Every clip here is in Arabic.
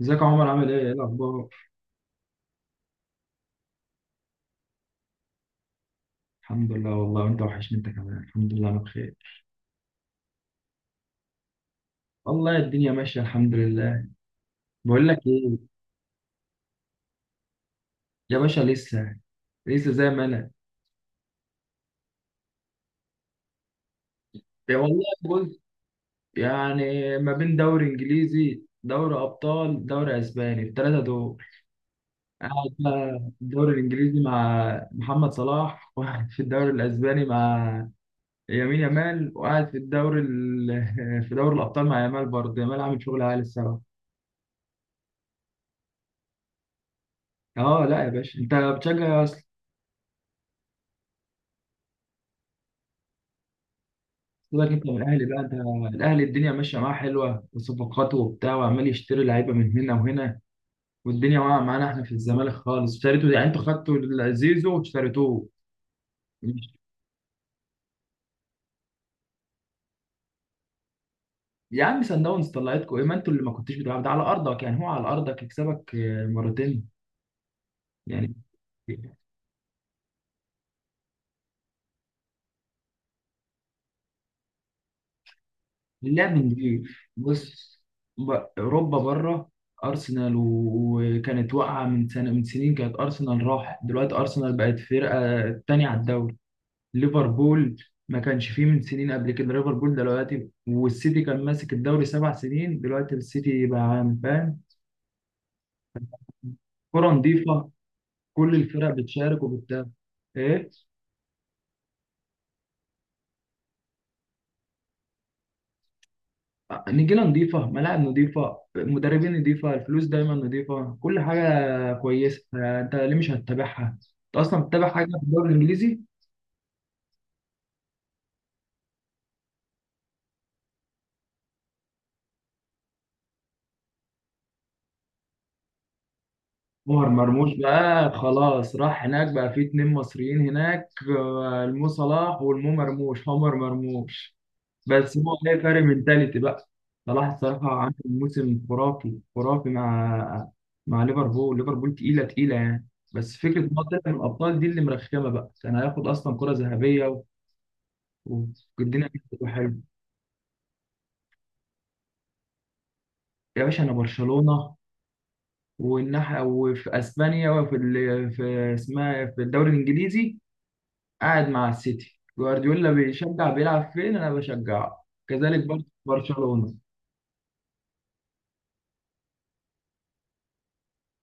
ازيك يا عمر؟ عامل ايه؟ ايه الاخبار؟ الحمد لله والله، وانت وحشني انت كمان. الحمد لله انا بخير. والله الدنيا ماشيه الحمد لله. بقول لك ايه. يا باشا لسه، لسه زي ما انا. يا والله بص، يعني ما بين دوري انجليزي، دوري ابطال، دوري اسباني الثلاثه دول. قاعد بقى في الدوري الانجليزي مع محمد صلاح، وقاعد في الدوري الاسباني مع يمين يامال، وقاعد في دوري الابطال مع يامال، برضه يامال عامل شغل عالي الصراحه. اه لا يا باشا، انت بتشجع. سيبك انت من الاهلي بقى، ده الاهلي الدنيا ماشيه معاه حلوه وصفقاته وبتاع، وعمال يشتري لعيبه من هنا وهنا. والدنيا واقعه معانا احنا في الزمالك خالص. اشتريتوا يعني انتوا خدتوا زيزو واشتريتوه. يا عم سان داونز طلعتكم ايه؟ ما انتوا اللي ما كنتوش بتلعبوا، ده على ارضك، يعني هو على ارضك يكسبك مرتين يعني. اللعب نضيف، بص، ب- اوروبا بره. وكانت واقعه من سنه، من سنين كانت ارسنال راح، دلوقتي ارسنال بقت فرقه تانية على الدوري. ليفربول ما كانش فيه من سنين قبل كده ليفربول دلوقتي، والسيتي كان ماسك الدوري سبع سنين، دلوقتي السيتي بقى عام. فاهم؟ كرة نظيفة، كل الفرق بتشارك وبتاع. ايه؟ نجيلة نظيفة، ملاعب نظيفة، مدربين نظيفة، الفلوس دايما نظيفة، كل حاجة كويسة. انت ليه مش هتتابعها؟ انت اصلا بتتابع حاجة في الدوري الانجليزي؟ مهر مرموش بقى خلاص راح هناك، بقى في اتنين مصريين هناك. المو صلاح والمو مرموش عمر مرموش. بس هو هي فرق منتاليتي بقى. صلاح الصراحة عامل موسم خرافي خرافي مع، مع ليفربول. ليفربول تقيلة تقيلة يعني. بس فكرة إن هو طلع من الأبطال دي اللي مرخمة بقى، كان هياخد أصلا كرة ذهبية و- والدنيا كانت هتبقى حلوة. يا باشا أنا برشلونة، والناحية وفي أسبانيا في اسمها إيه، في الدوري الإنجليزي قاعد مع السيتي. جوارديولا بيشجع بيلعب فين أنا بشجعه، كذلك برضه برشلونة.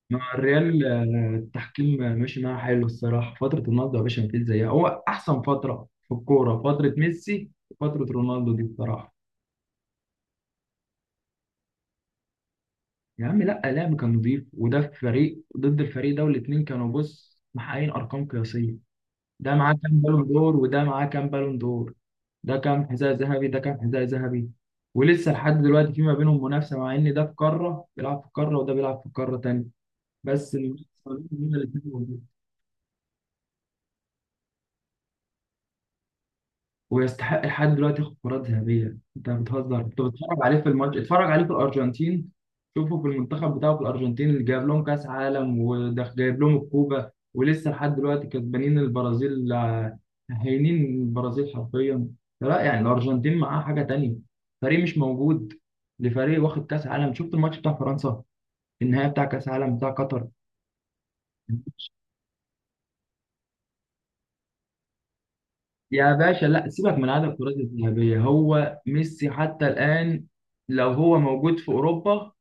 مع الريال التحكيم ماشي معاه حلو الصراحة. فترة رونالدو يا باشا مفيش زيها، هو أحسن فترة في الكورة فترة ميسي وفترة رونالدو دي الصراحة. يا عم لا، لعب كان نضيف، وده في فريق ضد الفريق ده، والاتنين كانوا بص محققين أرقام قياسية. ده معاه كام بالون دور وده معاه كام بالون دور، ده كام حذاء ذهبي ده كام حذاء ذهبي. ولسه لحد دلوقتي في ما بينهم منافسة، مع إن ده في قارة بيلعب في قارة وده بيلعب في قارة تانية، بس المنافسة ما بينهم هما الاتنين. ويستحق لحد دلوقتي ياخد كرات ذهبية. انت بتهزر، كنت بتفرج عليه في الماتش؟ اتفرج عليه في الأرجنتين، شوفه في المنتخب بتاعه في الأرجنتين، اللي جايب لهم كأس عالم، وده جايب لهم الكوبا، ولسه لحد دلوقتي كسبانين البرازيل. هينين البرازيل حرفيا. لا يعني الأرجنتين معاه حاجة تانية، فريق مش موجود، لفريق واخد كأس عالم. شفت الماتش بتاع فرنسا، النهائي بتاع كأس عالم بتاع قطر؟ يا باشا لا، سيبك من عدد الكرات الذهبية، هو ميسي حتى الآن لو هو موجود في أوروبا،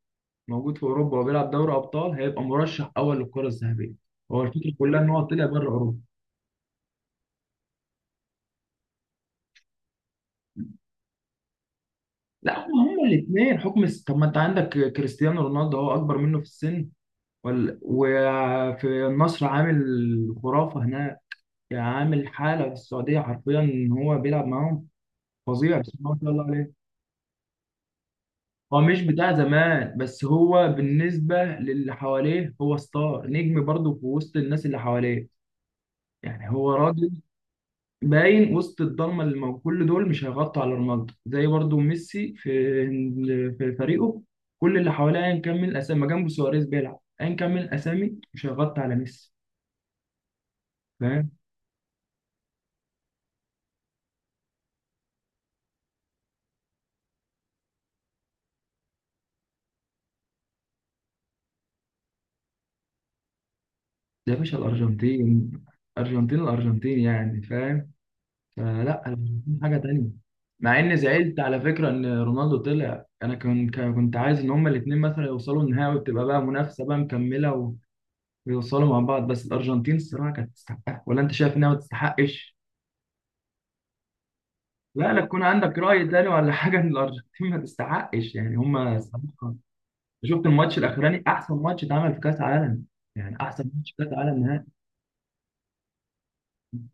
موجود في أوروبا وبيلعب دوري أبطال هيبقى مرشح أول للكرة الذهبية. هو الفكرة كلها إن هو طلع بره أوروبا. لا، هم هما الاتنين طب ما أنت عندك كريستيانو رونالدو، هو أكبر منه في السن، وفي النصر عامل خرافة هناك، يعني عامل حالة في السعودية حرفيا إن هو بيلعب معاهم فظيع بسم الله ما شاء الله. هو مش بتاع زمان، بس هو بالنسبة للي حواليه هو ستار، نجم برضه في وسط الناس اللي حواليه. يعني هو راجل باين وسط الضلمة اللي موجود، كل دول مش هيغطوا على رونالدو، زي برضه ميسي في في فريقه، كل اللي حواليه أيا كان من الأسامي، ما جنبه سواريز بيلعب أيا كان من الأسامي، مش هيغطي على ميسي. فاهم؟ ده يا باشا الأرجنتين، أرجنتين الأرجنتين يعني، فاهم؟ آه لا انا كان حاجه تانية. مع ان زعلت على فكره ان رونالدو طلع، انا كنت، كنت عايز ان هما الاثنين مثلا يوصلوا النهائي، وتبقى بقى منافسه بقى مكمله ويوصلوا مع بعض. بس الارجنتين الصراحه كانت تستحقها، ولا انت شايف انها ما تستحقش؟ لا لا، تكون عندك راي تاني ولا حاجه ان الارجنتين ما تستحقش، يعني هما الصراحه. شفت الماتش الاخراني، احسن ماتش اتعمل في كاس عالم، يعني احسن ماتش في كاس عالم نهائي.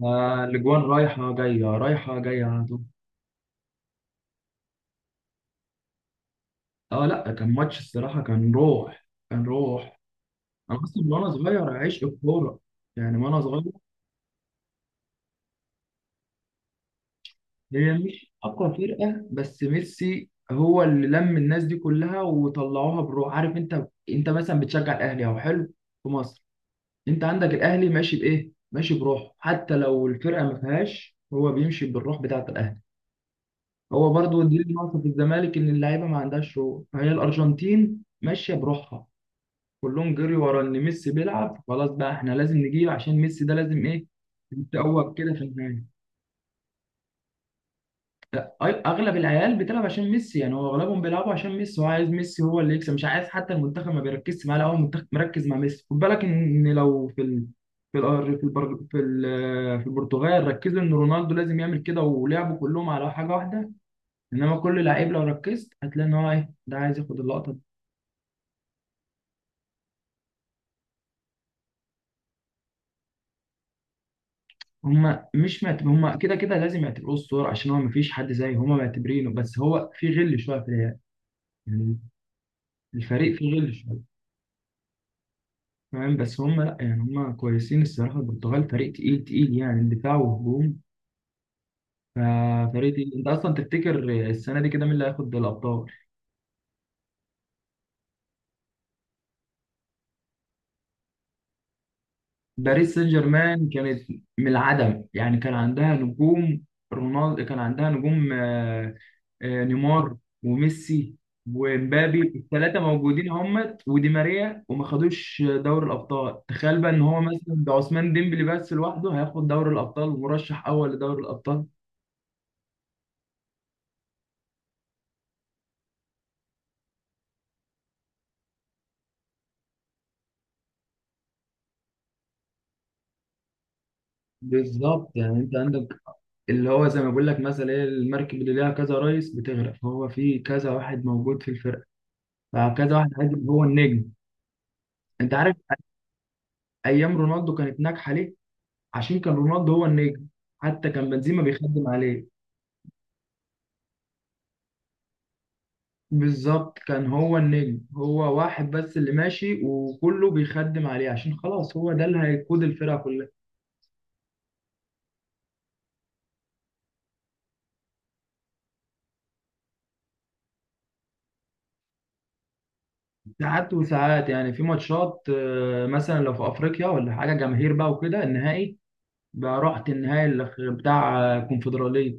الاجوان رايحه جايه رايحه جايه على طول. اه لا كان ماتش الصراحه، كان روح، كان روح. انا اصلا من وانا صغير عايش الكوره، يعني من وانا صغير. هي مش اقوى فرقه، بس ميسي هو اللي لم الناس دي كلها وطلعوها بروح. عارف، انت انت مثلا بتشجع الاهلي او حلو في مصر، انت عندك الاهلي ماشي بايه؟ ماشي بروحه، حتى لو الفرقه ما فيهاش، هو بيمشي بالروح بتاعه الاهلي. هو برضو دي النقطه في الزمالك، ان اللعيبه ما عندهاش روح، فهي الارجنتين ماشيه بروحها، كلهم جري ورا ان ميسي بيلعب، خلاص بقى احنا لازم نجيب عشان ميسي ده لازم ايه يتقوى كده في النهايه. اغلب العيال بتلعب عشان ميسي، يعني هو اغلبهم بيلعبوا عشان ميسي، هو عايز ميسي هو اللي يكسب. مش عايز حتى المنتخب ما بيركزش معاه، لا هو المنتخب مركز مع ميسي، خد بالك ان لو في ال... في الأر- في البر... في ال... في البرتغال ركزوا ان رونالدو لازم يعمل كده ولعبوا كلهم على حاجه واحده، انما كل لعيب لو ركزت هتلاقي ان هو ايه ده عايز ياخد اللقطه دي. هما مش معتب... هما كده كده لازم يعتبروه الصورة، عشان هو مفيش حد زيه، هما معتبرينه، بس هو في غل شوية في العيال يعني، الفريق فيه غل شوية. فاهم؟ بس هم لا يعني هم كويسين الصراحه، البرتغال فريق تقيل تقيل يعني، دفاع وهجوم ففريق تقيل. انت اصلا تفتكر السنه دي كده مين اللي هياخد الابطال؟ باريس سان جيرمان كانت من العدم، يعني كان عندها نجوم، رونالدو كان عندها نجوم نيمار وميسي ومبابي الثلاثه موجودين هم ودي ماريا وما خدوش دوري الابطال. تخيل بقى ان هو مثلا ده عثمان ديمبلي بس لوحده هياخد دوري الابطال ومرشح اول لدوري الابطال. بالظبط، يعني انت عندك اللي هو زي ما بقول لك مثلا ايه، المركب اللي ليها كذا رئيس بتغرق، هو في كذا واحد موجود في الفرقه، فكذا واحد عادي هو النجم. انت عارف ايام رونالدو كانت ناجحه ليه؟ عشان كان رونالدو هو النجم، حتى كان بنزيما بيخدم عليه. بالظبط، كان هو النجم، هو واحد بس اللي ماشي وكله بيخدم عليه، عشان خلاص هو ده اللي هيقود الفرقه كلها. ساعات وساعات، يعني في ماتشات مثلا لو في افريقيا ولا حاجه جماهير بقى وكده. النهائي بقى، رحت بتاع الكونفدرالية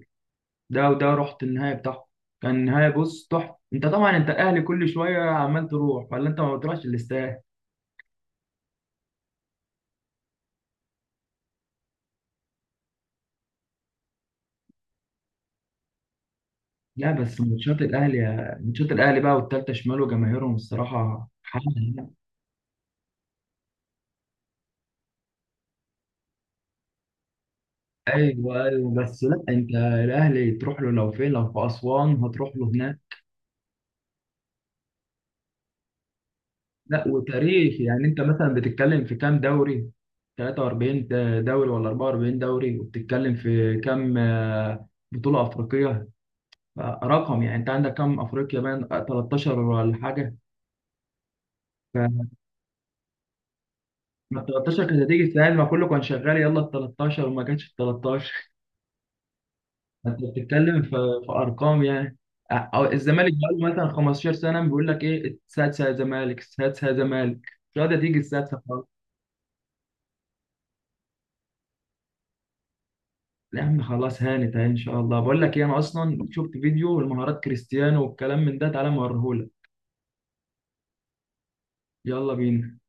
ده، وده رحت النهائي بتاعه كان نهائي بص تحفة. انت طبعا انت اهلي كل شوية عمال تروح، ولا انت ما بتروحش الاستاد؟ لا بس ماتشات الاهلي، ماتشات الاهلي بقى، والتالتة شمال وجماهيرهم الصراحة حاجة يعني. ايوه ايوه، بس لا انت الاهلي تروح له، لو فين لو في اسوان هتروح له هناك. لا وتاريخ يعني، انت مثلا بتتكلم في كام دوري؟ 43 دوري ولا 44 دوري، وبتتكلم في كام بطولة أفريقية رقم، يعني انت عندك كام افريقيا بان؟ 13 ولا حاجه؟ فما 13 كانت هتيجي سهل، ما كله كان شغال، يلا ال 13، وما كانش ال 13. انت بتتكلم في في ارقام يعني، أو الزمالك بقى له مثلا 15 سنه بيقول لك ايه، السادسه يا زمالك السادسه يا زمالك، مش قادر تيجي السادسه خالص. يا عم خلاص هانت اهي ان شاء الله. بقول لك ايه، انا اصلا شفت فيديو المهارات كريستيانو والكلام من ده، تعالى موريهولك. يلا بينا.